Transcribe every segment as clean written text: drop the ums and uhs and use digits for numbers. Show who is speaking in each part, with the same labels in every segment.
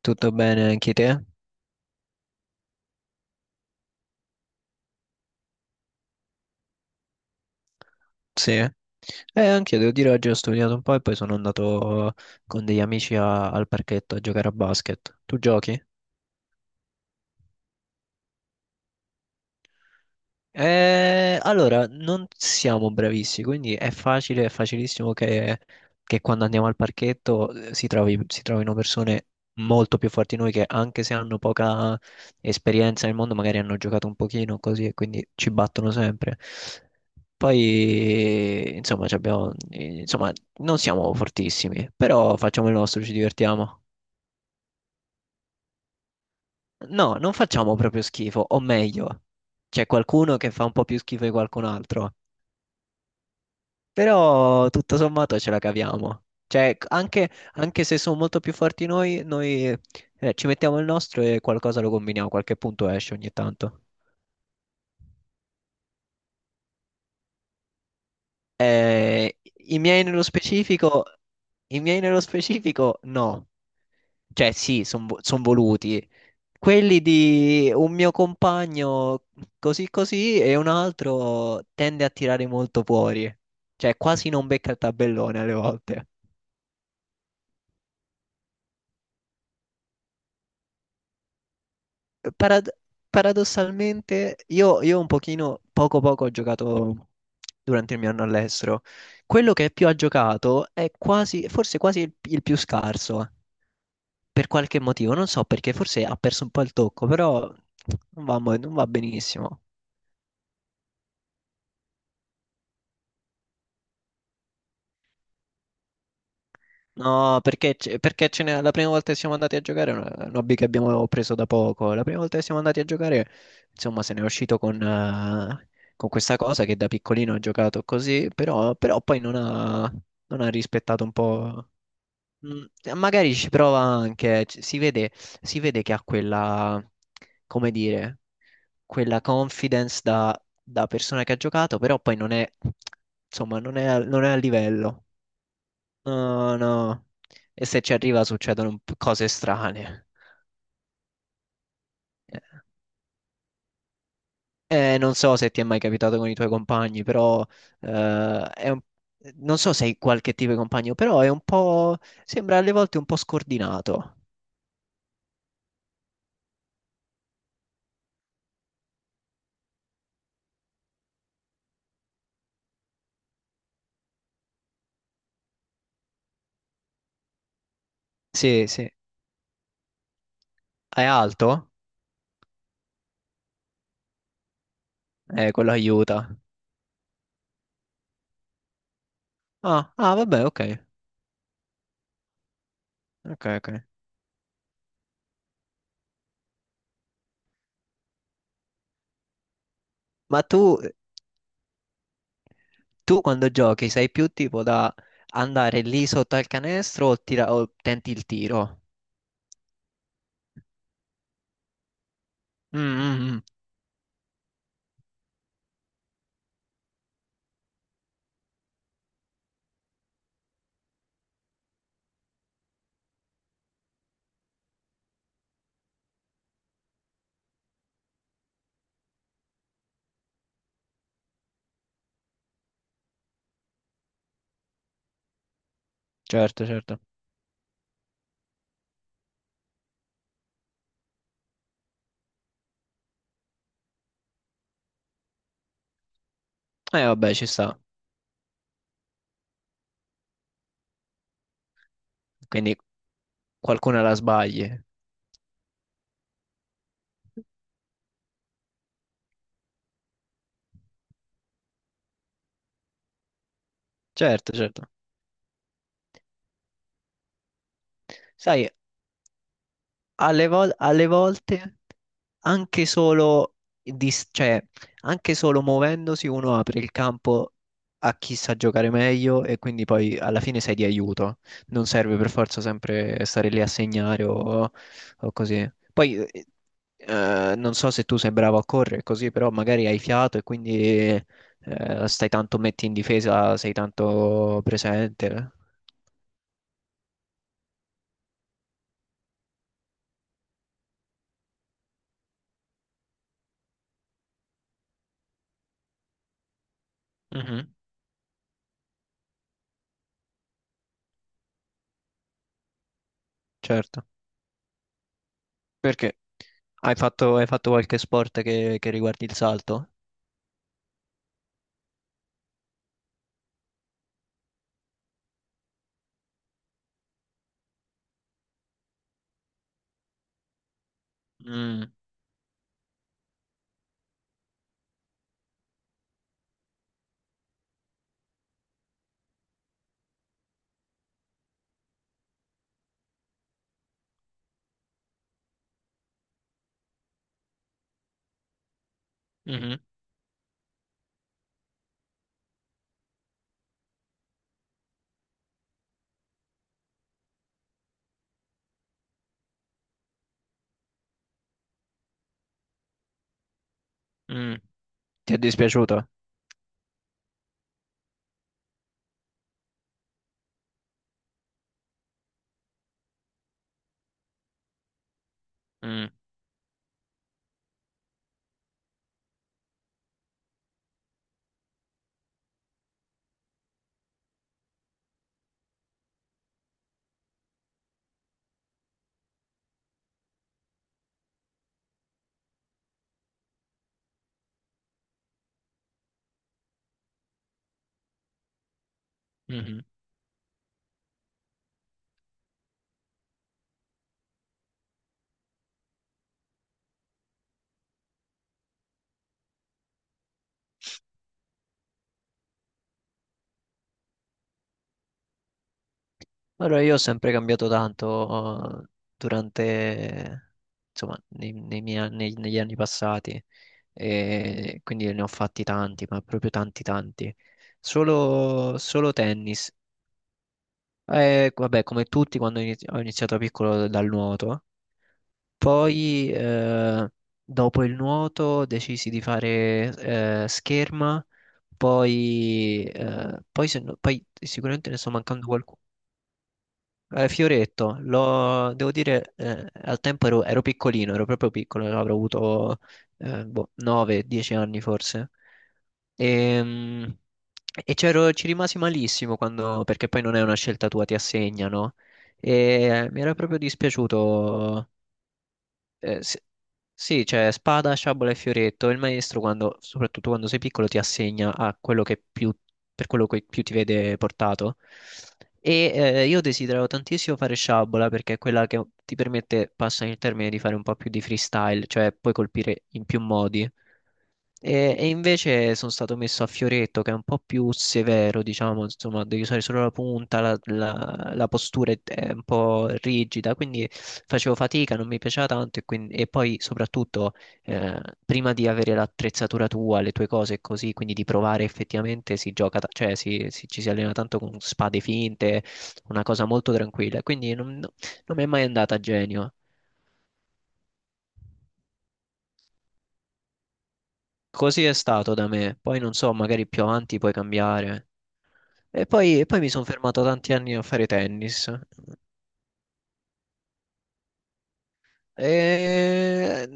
Speaker 1: Tutto bene anche te? Sì. Anche io devo dire oggi ho studiato un po' e poi sono andato con degli amici al parchetto a giocare a basket. Tu giochi? Allora, non siamo bravissimi, quindi è facile, è facilissimo che quando andiamo al parchetto si trovino persone molto più forti di noi che, anche se hanno poca esperienza nel mondo, magari hanno giocato un pochino così, e quindi ci battono sempre. Poi, insomma, insomma, non siamo fortissimi, però facciamo il nostro, ci divertiamo. No, non facciamo proprio schifo, o meglio, c'è qualcuno che fa un po' più schifo di qualcun altro. Però tutto sommato ce la caviamo. Cioè, anche, anche se sono molto più forti noi, ci mettiamo il nostro e qualcosa lo combiniamo, qualche punto esce ogni tanto. Eh, i miei nello specifico, i miei nello specifico no. Cioè, sì, sono voluti. Quelli di un mio compagno così così, e un altro tende a tirare molto fuori. Cioè, quasi non becca il tabellone alle volte. parad- Paradossalmente, io un pochino, poco poco ho giocato durante il mio anno all'estero. Quello che più ha giocato è quasi, forse quasi il più scarso, eh. Per qualche motivo, non so perché, forse ha perso un po' il tocco, però non va, non va benissimo. No, perché, perché la prima volta che siamo andati a giocare è un hobby che abbiamo preso da poco. La prima volta che siamo andati a giocare, insomma, se ne è uscito con questa cosa che da piccolino ha giocato così, però, poi non ha, non ha rispettato un po'. Mm, magari ci prova anche, si vede che ha come dire, quella confidence da, da persona che ha giocato, però poi non è, insomma, non è, non è a livello. No, no. E se ci arriva succedono un cose strane. Non so se ti è mai capitato con i tuoi compagni, però eh, è un- non so se hai qualche tipo di compagno, però è un po'... sembra alle volte un po' scordinato. Sì, sì. È alto? Quello aiuta. Ah, ah, vabbè, ok. Ok, ok. Ma tu, tu quando giochi sei più tipo da andare lì sotto al canestro o, o tenti il tiro? Mm, mm, mm. Certo, certo. Vabbè, ci sta. Quindi qualcuna la sbagli. Certo, certo. Sai, alle volte anche cioè, anche solo muovendosi uno apre il campo a chi sa giocare meglio, e quindi poi alla fine sei di aiuto. Non serve per forza sempre stare lì a segnare, o così. Poi non so se tu sei bravo a correre così, però magari hai fiato, e quindi stai tanto, metti in difesa, sei tanto presente. Mhm. Certo. Perché? Hai fatto qualche sport che riguardi il salto? Mm. Mhm. Mm. Ti è dispiaciuto? Mm. Mhm. Allora, io ho sempre cambiato tanto durante, insomma, negli anni passati, e quindi ne ho fatti tanti, ma proprio tanti, tanti. Solo, solo tennis. Vabbè, come tutti, quando ho iniziato piccolo dal nuoto. Poi, dopo il nuoto, decisi di fare scherma, poi, poi se no- poi sicuramente ne sto mancando qualcuno. Fioretto. Devo dire, al tempo ero, ero piccolino, ero proprio piccolo, avrò avuto boh, 9-10 anni forse. Ehm, ci rimasi malissimo quando, perché poi non è una scelta tua, ti assegnano. E mi era proprio dispiaciuto. Eh, sì, sì, c'è spada, sciabola e fioretto. Il maestro, soprattutto quando sei piccolo, ti assegna a quello che per quello che più ti vede portato. E io desideravo tantissimo fare sciabola, perché è quella che ti permette, passami il termine, di fare un po' più di freestyle, cioè puoi colpire in più modi. E invece sono stato messo a fioretto, che è un po' più severo, diciamo, insomma, devi usare solo la punta, la postura è un po' rigida, quindi facevo fatica, non mi piaceva tanto, e quindi, e poi soprattutto prima di avere l'attrezzatura tua, le tue cose e così, quindi di provare effettivamente si gioca, cioè ci si allena tanto con spade finte, una cosa molto tranquilla, quindi non, non mi è mai andata a genio. Così è stato da me, poi non so, magari più avanti puoi cambiare. E poi mi sono fermato tanti anni a fare tennis. E...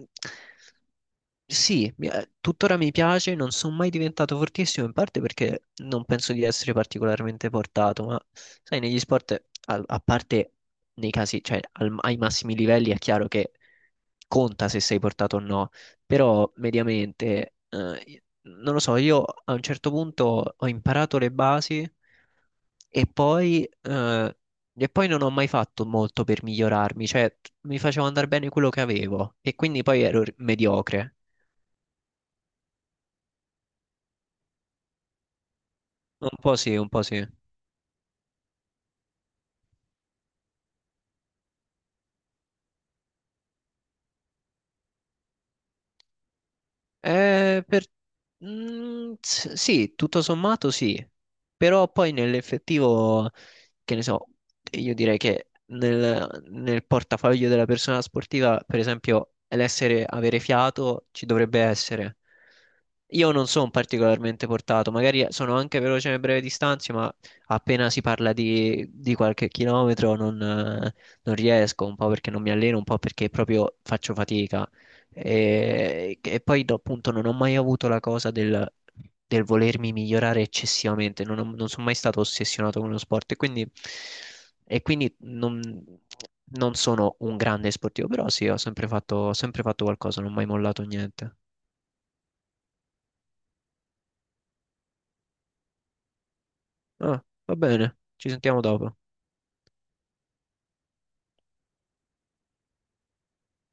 Speaker 1: sì, tuttora mi piace, non sono mai diventato fortissimo, in parte perché non penso di essere particolarmente portato, ma sai, negli sport, a parte nei casi, cioè ai massimi livelli è chiaro che conta se sei portato o no, però mediamente, non lo so, io a un certo punto ho imparato le basi, e poi, eh, e poi non ho mai fatto molto per migliorarmi, cioè mi facevo andare bene quello che avevo, e quindi poi ero mediocre. Un po' sì, un po' sì. Per... mm, sì, tutto sommato sì, però poi nell'effettivo, che ne so, io direi che nel portafoglio della persona sportiva, per esempio, avere fiato ci dovrebbe essere. Io non sono particolarmente portato, magari sono anche veloce nelle brevi distanze, ma appena si parla di qualche chilometro non, non riesco, un po' perché non mi alleno, un po' perché proprio faccio fatica. E poi appunto non ho mai avuto la cosa del volermi migliorare eccessivamente, non sono mai stato ossessionato con lo sport, e quindi non, non sono un grande sportivo, però sì, ho sempre fatto qualcosa, non ho mai mollato niente. Ah, va bene, ci sentiamo dopo.